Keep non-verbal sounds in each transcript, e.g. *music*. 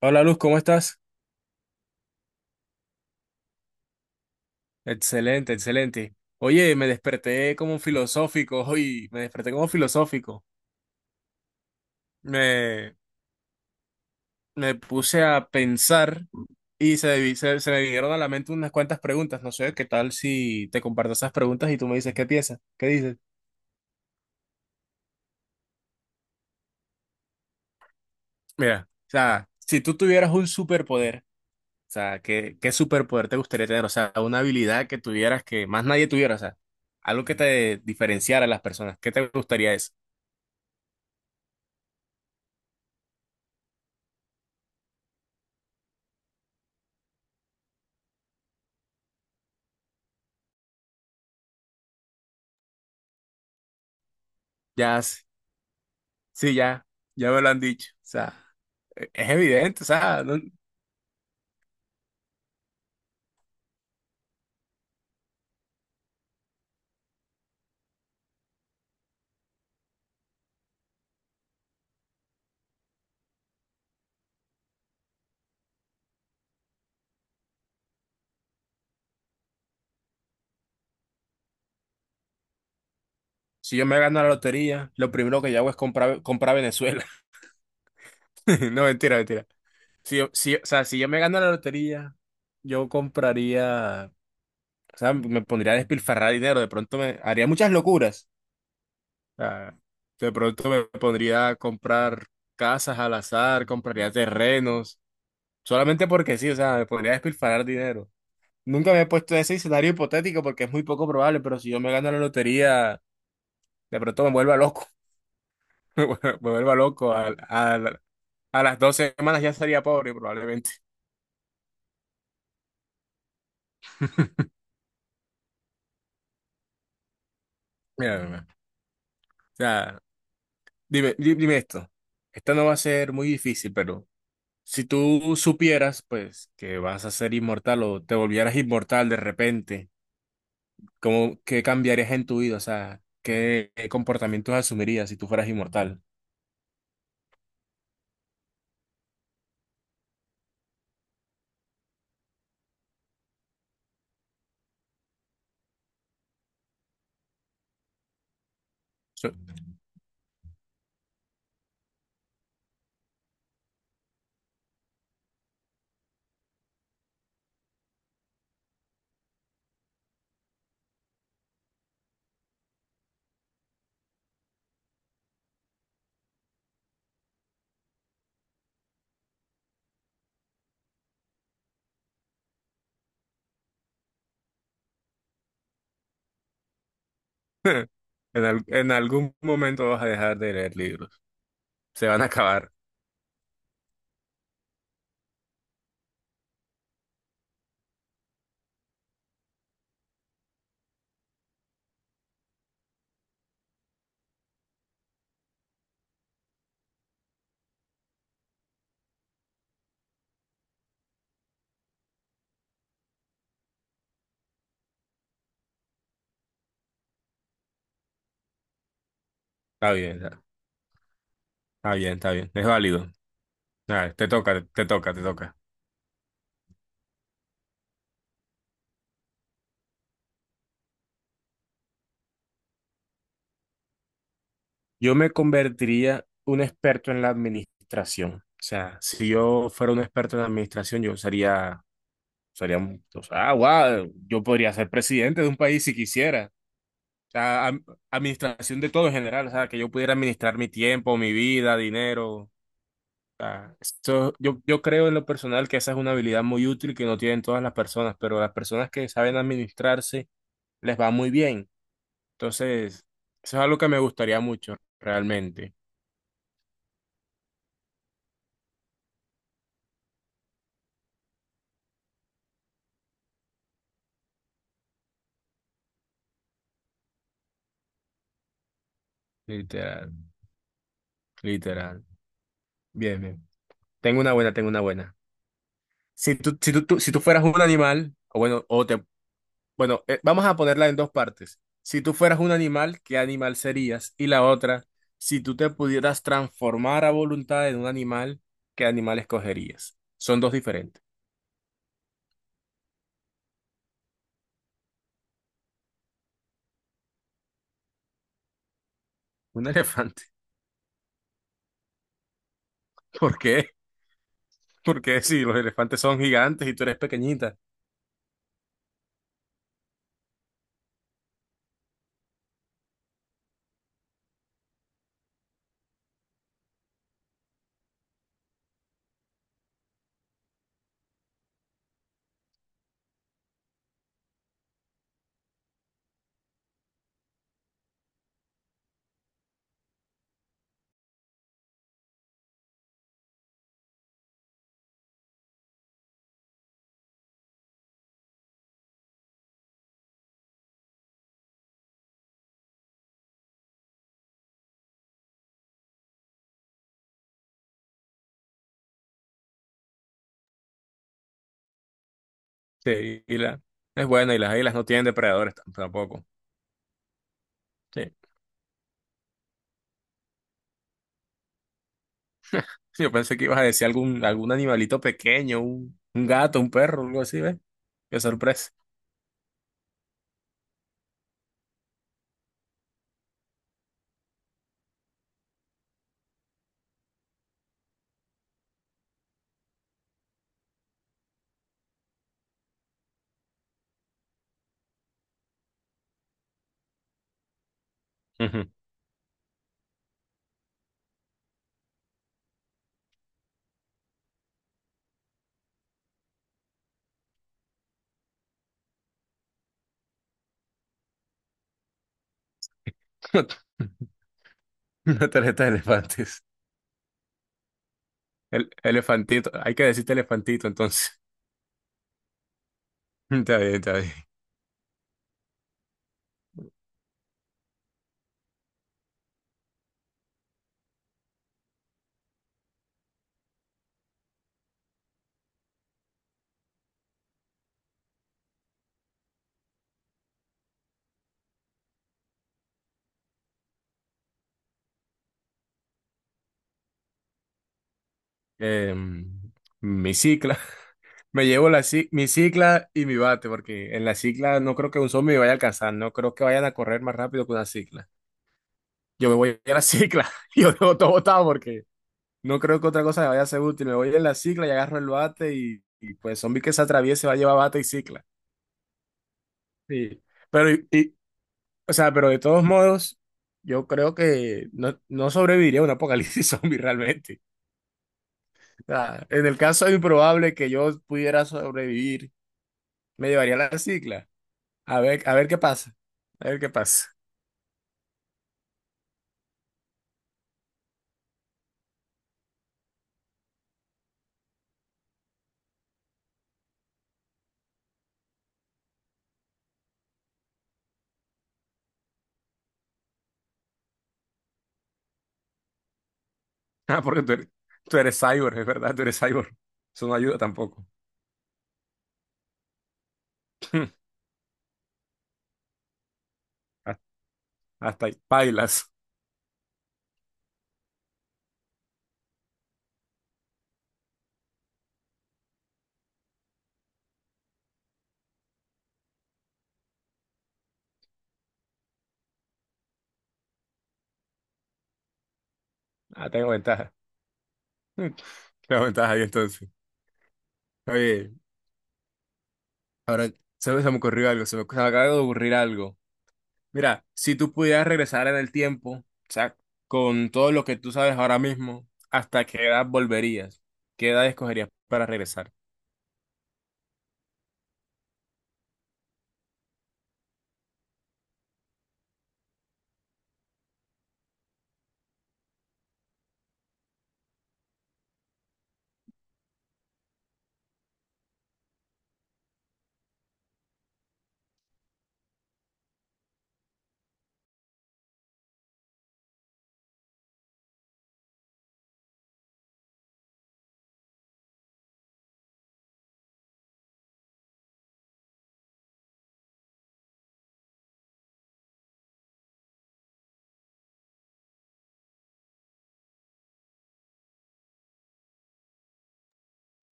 Hola Luz, ¿cómo estás? Excelente, excelente. Oye, me desperté como filosófico hoy, me desperté como filosófico. Me, me puse a pensar y se me vinieron a la mente unas cuantas preguntas. No sé, ¿qué tal si te comparto esas preguntas y tú me dices qué piensas? ¿Qué dices? Mira, o sea, si tú tuvieras un superpoder, o sea, ¿qué superpoder te gustaría tener? O sea, una habilidad que tuvieras que más nadie tuviera, o sea, algo que te diferenciara a las personas. ¿Qué te gustaría eso? Ya. Sí, ya, ya me lo han dicho. O sea, es evidente, o sea, no- Si yo me gano la lotería, lo primero que yo hago es comprar Venezuela. *laughs* No, mentira, mentira. Si yo, si, o sea, si yo me gano la lotería, yo compraría, o sea, me pondría a despilfarrar dinero, de pronto me haría muchas locuras. O sea, de pronto me pondría a comprar casas al azar, compraría terrenos, solamente porque sí, o sea, me pondría a despilfarrar dinero. Nunca me he puesto ese escenario hipotético porque es muy poco probable, pero si yo me gano la lotería, de pronto me vuelva loco, *laughs* me vuelva loco. A las 2 semanas ya sería pobre, probablemente. Mira, mira, o sea, dime esto. Esta no va a ser muy difícil, pero si tú supieras, pues, que vas a ser inmortal o te volvieras inmortal de repente, ¿qué cambiarías en tu vida? O sea, ¿qué comportamientos asumirías si tú fueras inmortal? So- En, en algún momento vas a dejar de leer libros. Se van a acabar. Está bien, está bien, está bien. Es válido. Dale, te toca, te toca, te toca. Yo me convertiría un experto en la administración. O sea, si yo fuera un experto en la administración, yo sería, o sea, ah, wow, yo podría ser presidente de un país si quisiera. O sea, administración de todo en general. O sea, que yo pudiera administrar mi tiempo, mi vida, dinero. O sea, yo creo en lo personal que esa es una habilidad muy útil que no tienen todas las personas, pero las personas que saben administrarse les va muy bien. Entonces, eso es algo que me gustaría mucho, realmente. Literal, literal. Bien, bien. Tengo una buena, tengo una buena. Si tú fueras un animal, o bueno, bueno, vamos a ponerla en dos partes. Si tú fueras un animal, ¿qué animal serías? Y la otra, si tú te pudieras transformar a voluntad en un animal, ¿qué animal escogerías? Son dos diferentes. Un elefante. *laughs* ¿Por qué? Porque si los elefantes son gigantes y tú eres pequeñita. Sí, es buena y las águilas no tienen depredadores tampoco. Sí. Sí, yo pensé que ibas a decir algún animalito pequeño, un gato, un perro, algo así, ¿ves? Qué sorpresa. Ujú. *laughs* Una tarjeta de elefantes. Elefantito, hay que decirte elefantito entonces. *laughs* Está bien, está bien. Em, mi cicla. *laughs* Me llevo mi cicla y mi bate, porque en la cicla no creo que un zombie me vaya a alcanzar, no creo que vayan a correr más rápido que una cicla. Yo me voy a la cicla, *laughs* y yo dejo todo botado porque no creo que otra cosa me vaya a ser útil. Me voy en la cicla y agarro el bate y pues zombie que se atraviese va a llevar bate y cicla. Sí. Pero, o sea, pero de todos modos, yo creo que no, no sobreviviría a un apocalipsis *laughs* zombie realmente. O sea, en el caso improbable que yo pudiera sobrevivir, me llevaría la cicla. A ver qué pasa. A ver qué pasa. *laughs* Ah, porque tú eres, cyborg, es verdad, tú eres cyborg. Eso no ayuda tampoco. *laughs* Hasta hasta ahí, bailas. Ah, tengo ventaja. *laughs* Tengo ventaja ahí entonces. Oye, ahora se me ocurrió algo, se me acaba de ocurrir algo. Mira, si tú pudieras regresar en el tiempo, o sea, con todo lo que tú sabes ahora mismo, ¿hasta qué edad volverías? ¿Qué edad escogerías para regresar?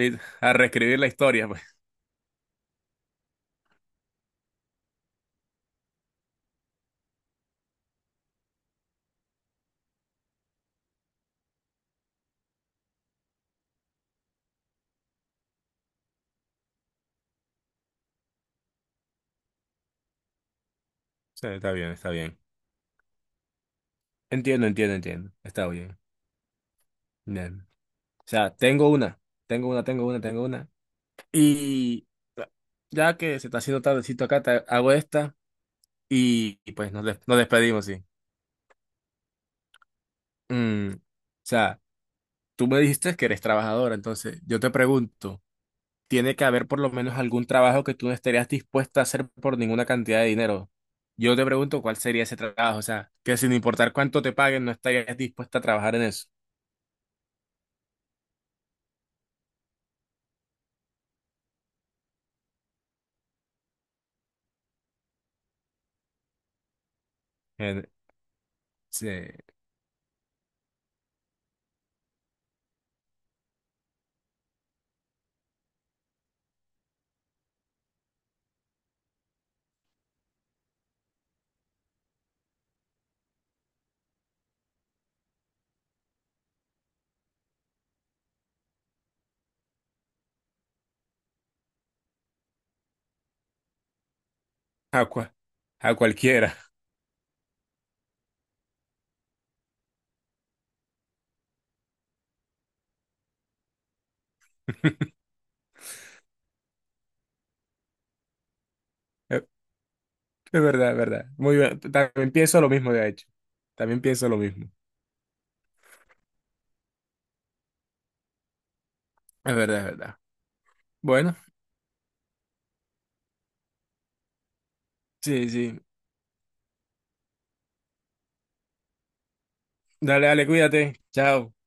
A reescribir la historia, pues. *laughs* Sí, está bien, está bien. Entiendo, entiendo, entiendo. Está bien. Bien. O sea, tengo una. Y ya que se está haciendo tardecito acá, te hago esta y pues nos despedimos, sí. O sea. Tú me dijiste que eres trabajadora, entonces yo te pregunto, ¿tiene que haber por lo menos algún trabajo que tú no estarías dispuesta a hacer por ninguna cantidad de dinero? Yo te pregunto cuál sería ese trabajo, o sea, que sin importar cuánto te paguen, no estarías dispuesta a trabajar en eso, en- se- a, cua- a cualquiera. *laughs* Es verdad, es verdad. Muy bien. También pienso lo mismo, de hecho. También pienso lo mismo. Es verdad, es verdad. Bueno, sí, sí. Dale, dale, cuídate. Chao.